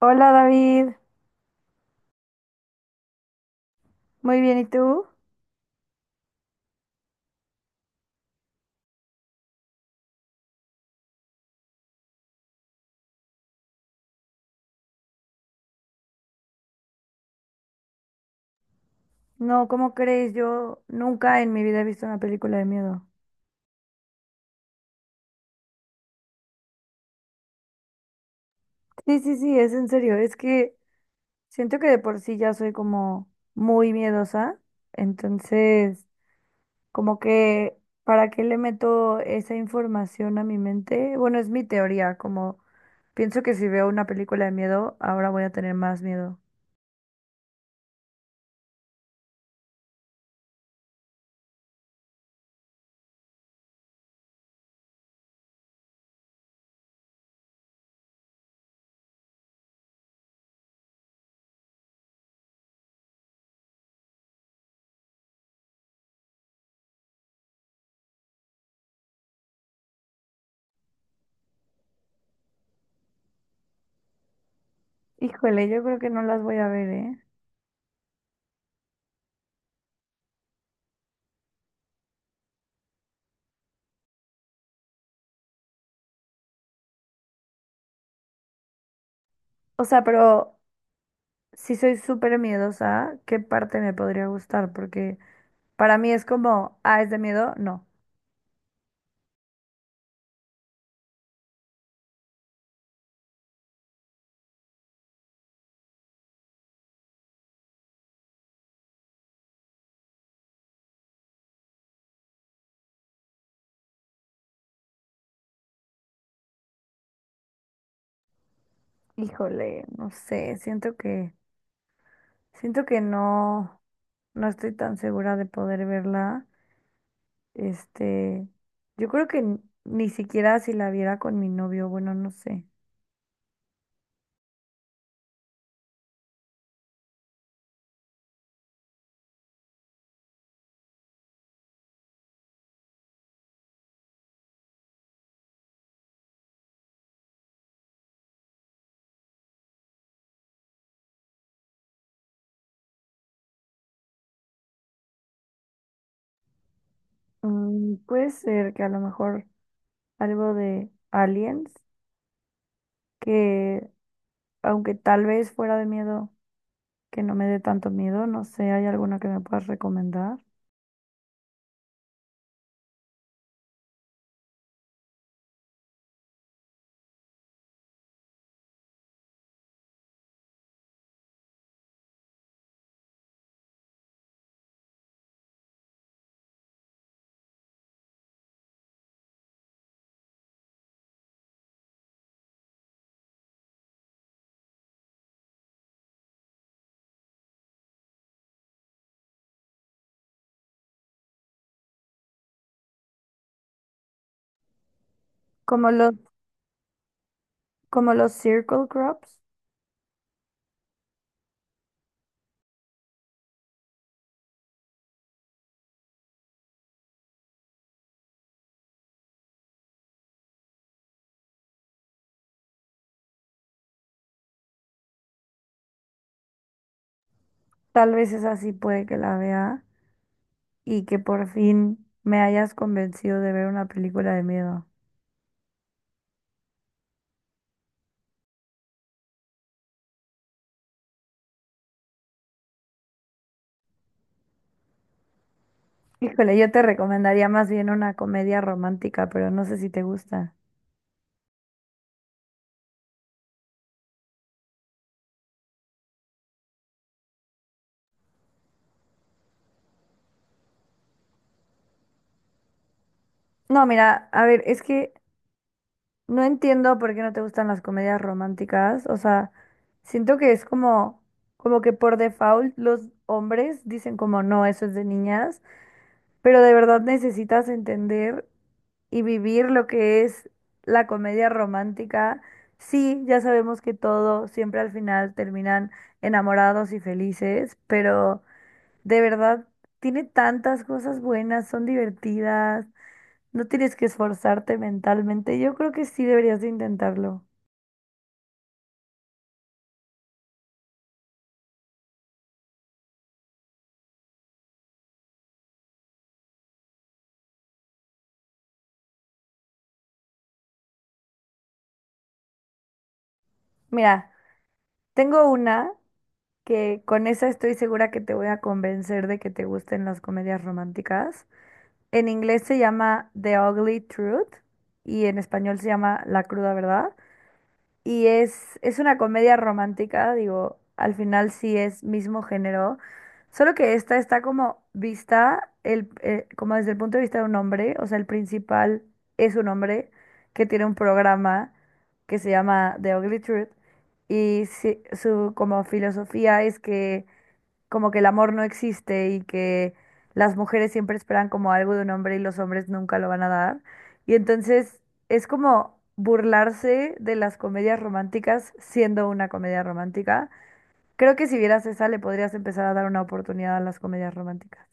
Hola David, muy bien, ¿y tú? No, ¿cómo crees? Yo nunca en mi vida he visto una película de miedo. Sí, sí, sí, es en serio, es que siento que de por sí ya soy como muy miedosa, entonces como que ¿para qué le meto esa información a mi mente? Bueno, es mi teoría, como pienso que si veo una película de miedo, ahora voy a tener más miedo. Híjole, yo creo que no las voy a ver, ¿eh? O sea, pero si soy súper miedosa, ¿qué parte me podría gustar? Porque para mí es como, ah, ¿es de miedo? No. Híjole, no sé, siento que no, no estoy tan segura de poder verla. Este, yo creo que ni siquiera si la viera con mi novio, bueno, no sé. Mm, puede ser que a lo mejor algo de Aliens, que aunque tal vez fuera de miedo, que no me dé tanto miedo, no sé, ¿hay alguna que me puedas recomendar? Como los, como los Circle Crops, tal vez esa sí puede que la vea, y que por fin me hayas convencido de ver una película de miedo. Híjole, yo te recomendaría más bien una comedia romántica, pero no sé si te gusta. No, mira, a ver, es que no entiendo por qué no te gustan las comedias románticas. O sea, siento que es como, como que por default los hombres dicen como no, eso es de niñas. Pero de verdad necesitas entender y vivir lo que es la comedia romántica. Sí, ya sabemos que todo siempre al final terminan enamorados y felices, pero de verdad tiene tantas cosas buenas, son divertidas, no tienes que esforzarte mentalmente. Yo creo que sí deberías de intentarlo. Mira, tengo una que con esa estoy segura que te voy a convencer de que te gusten las comedias románticas. En inglés se llama The Ugly Truth y en español se llama La Cruda Verdad. Y es una comedia romántica, digo, al final sí es mismo género, solo que esta está como vista como desde el punto de vista de un hombre, o sea, el principal es un hombre que tiene un programa que se llama The Ugly Truth y su como filosofía es que como que el amor no existe y que las mujeres siempre esperan como algo de un hombre y los hombres nunca lo van a dar. Y entonces es como burlarse de las comedias románticas siendo una comedia romántica. Creo que si vieras esa le podrías empezar a dar una oportunidad a las comedias románticas.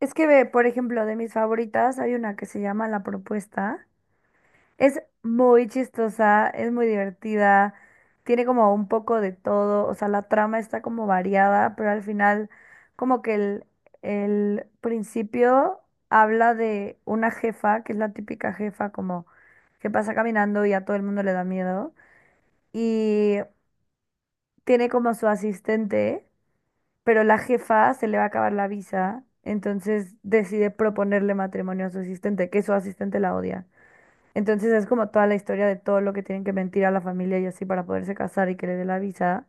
Es que ve, por ejemplo, de mis favoritas hay una que se llama La Propuesta. Es muy chistosa, es muy divertida, tiene como un poco de todo, o sea, la trama está como variada, pero al final como que el principio habla de una jefa, que es la típica jefa como que pasa caminando y a todo el mundo le da miedo, y tiene como su asistente, pero la jefa se le va a acabar la visa, entonces decide proponerle matrimonio a su asistente, que su asistente la odia. Entonces es como toda la historia de todo lo que tienen que mentir a la familia y así para poderse casar y que le dé la visa.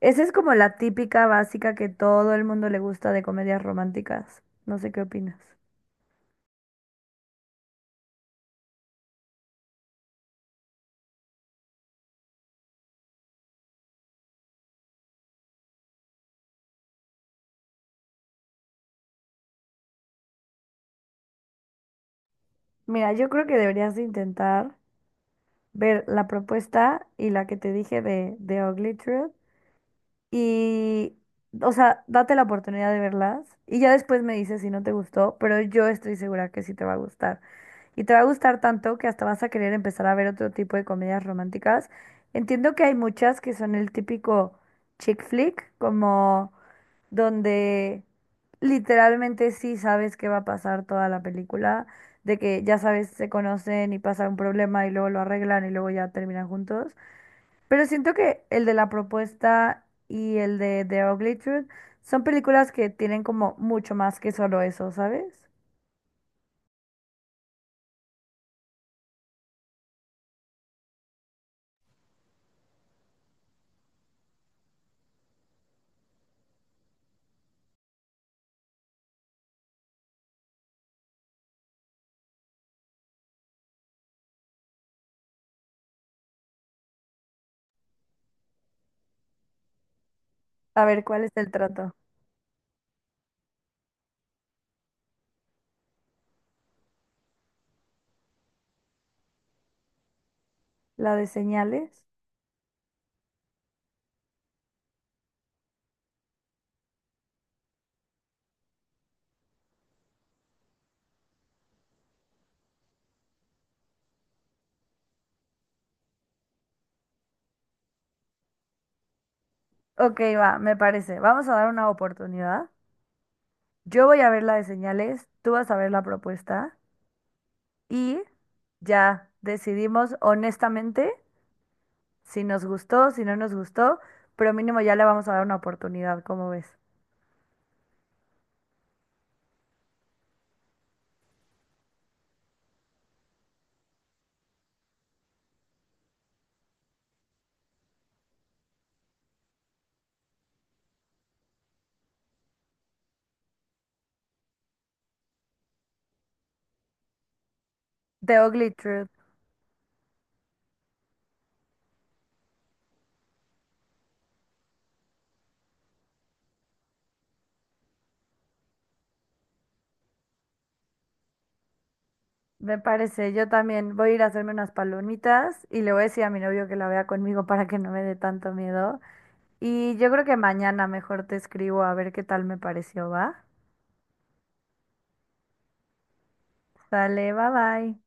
Esa es como la típica básica que todo el mundo le gusta de comedias románticas. No sé qué opinas. Mira, yo creo que deberías de intentar ver La Propuesta y la que te dije de Ugly Truth. Y o sea, date la oportunidad de verlas y ya después me dices si no te gustó, pero yo estoy segura que sí te va a gustar. Y te va a gustar tanto que hasta vas a querer empezar a ver otro tipo de comedias románticas. Entiendo que hay muchas que son el típico chick flick, como donde literalmente sí sabes qué va a pasar toda la película, de que ya sabes, se conocen y pasa un problema y luego lo arreglan y luego ya terminan juntos. Pero siento que el de La Propuesta y el de The Ugly Truth son películas que tienen como mucho más que solo eso, ¿sabes? A ver, ¿cuál es el trato? ¿La de Señales? Ok, va, me parece. Vamos a dar una oportunidad. Yo voy a ver la de Señales, tú vas a ver La Propuesta y ya decidimos honestamente si nos gustó, si no nos gustó, pero mínimo ya le vamos a dar una oportunidad, ¿cómo ves? The Ugly Truth. Me parece, yo también voy a ir a hacerme unas palomitas y le voy a decir a mi novio que la vea conmigo para que no me dé tanto miedo. Y yo creo que mañana mejor te escribo a ver qué tal me pareció, ¿va? Sale, bye bye.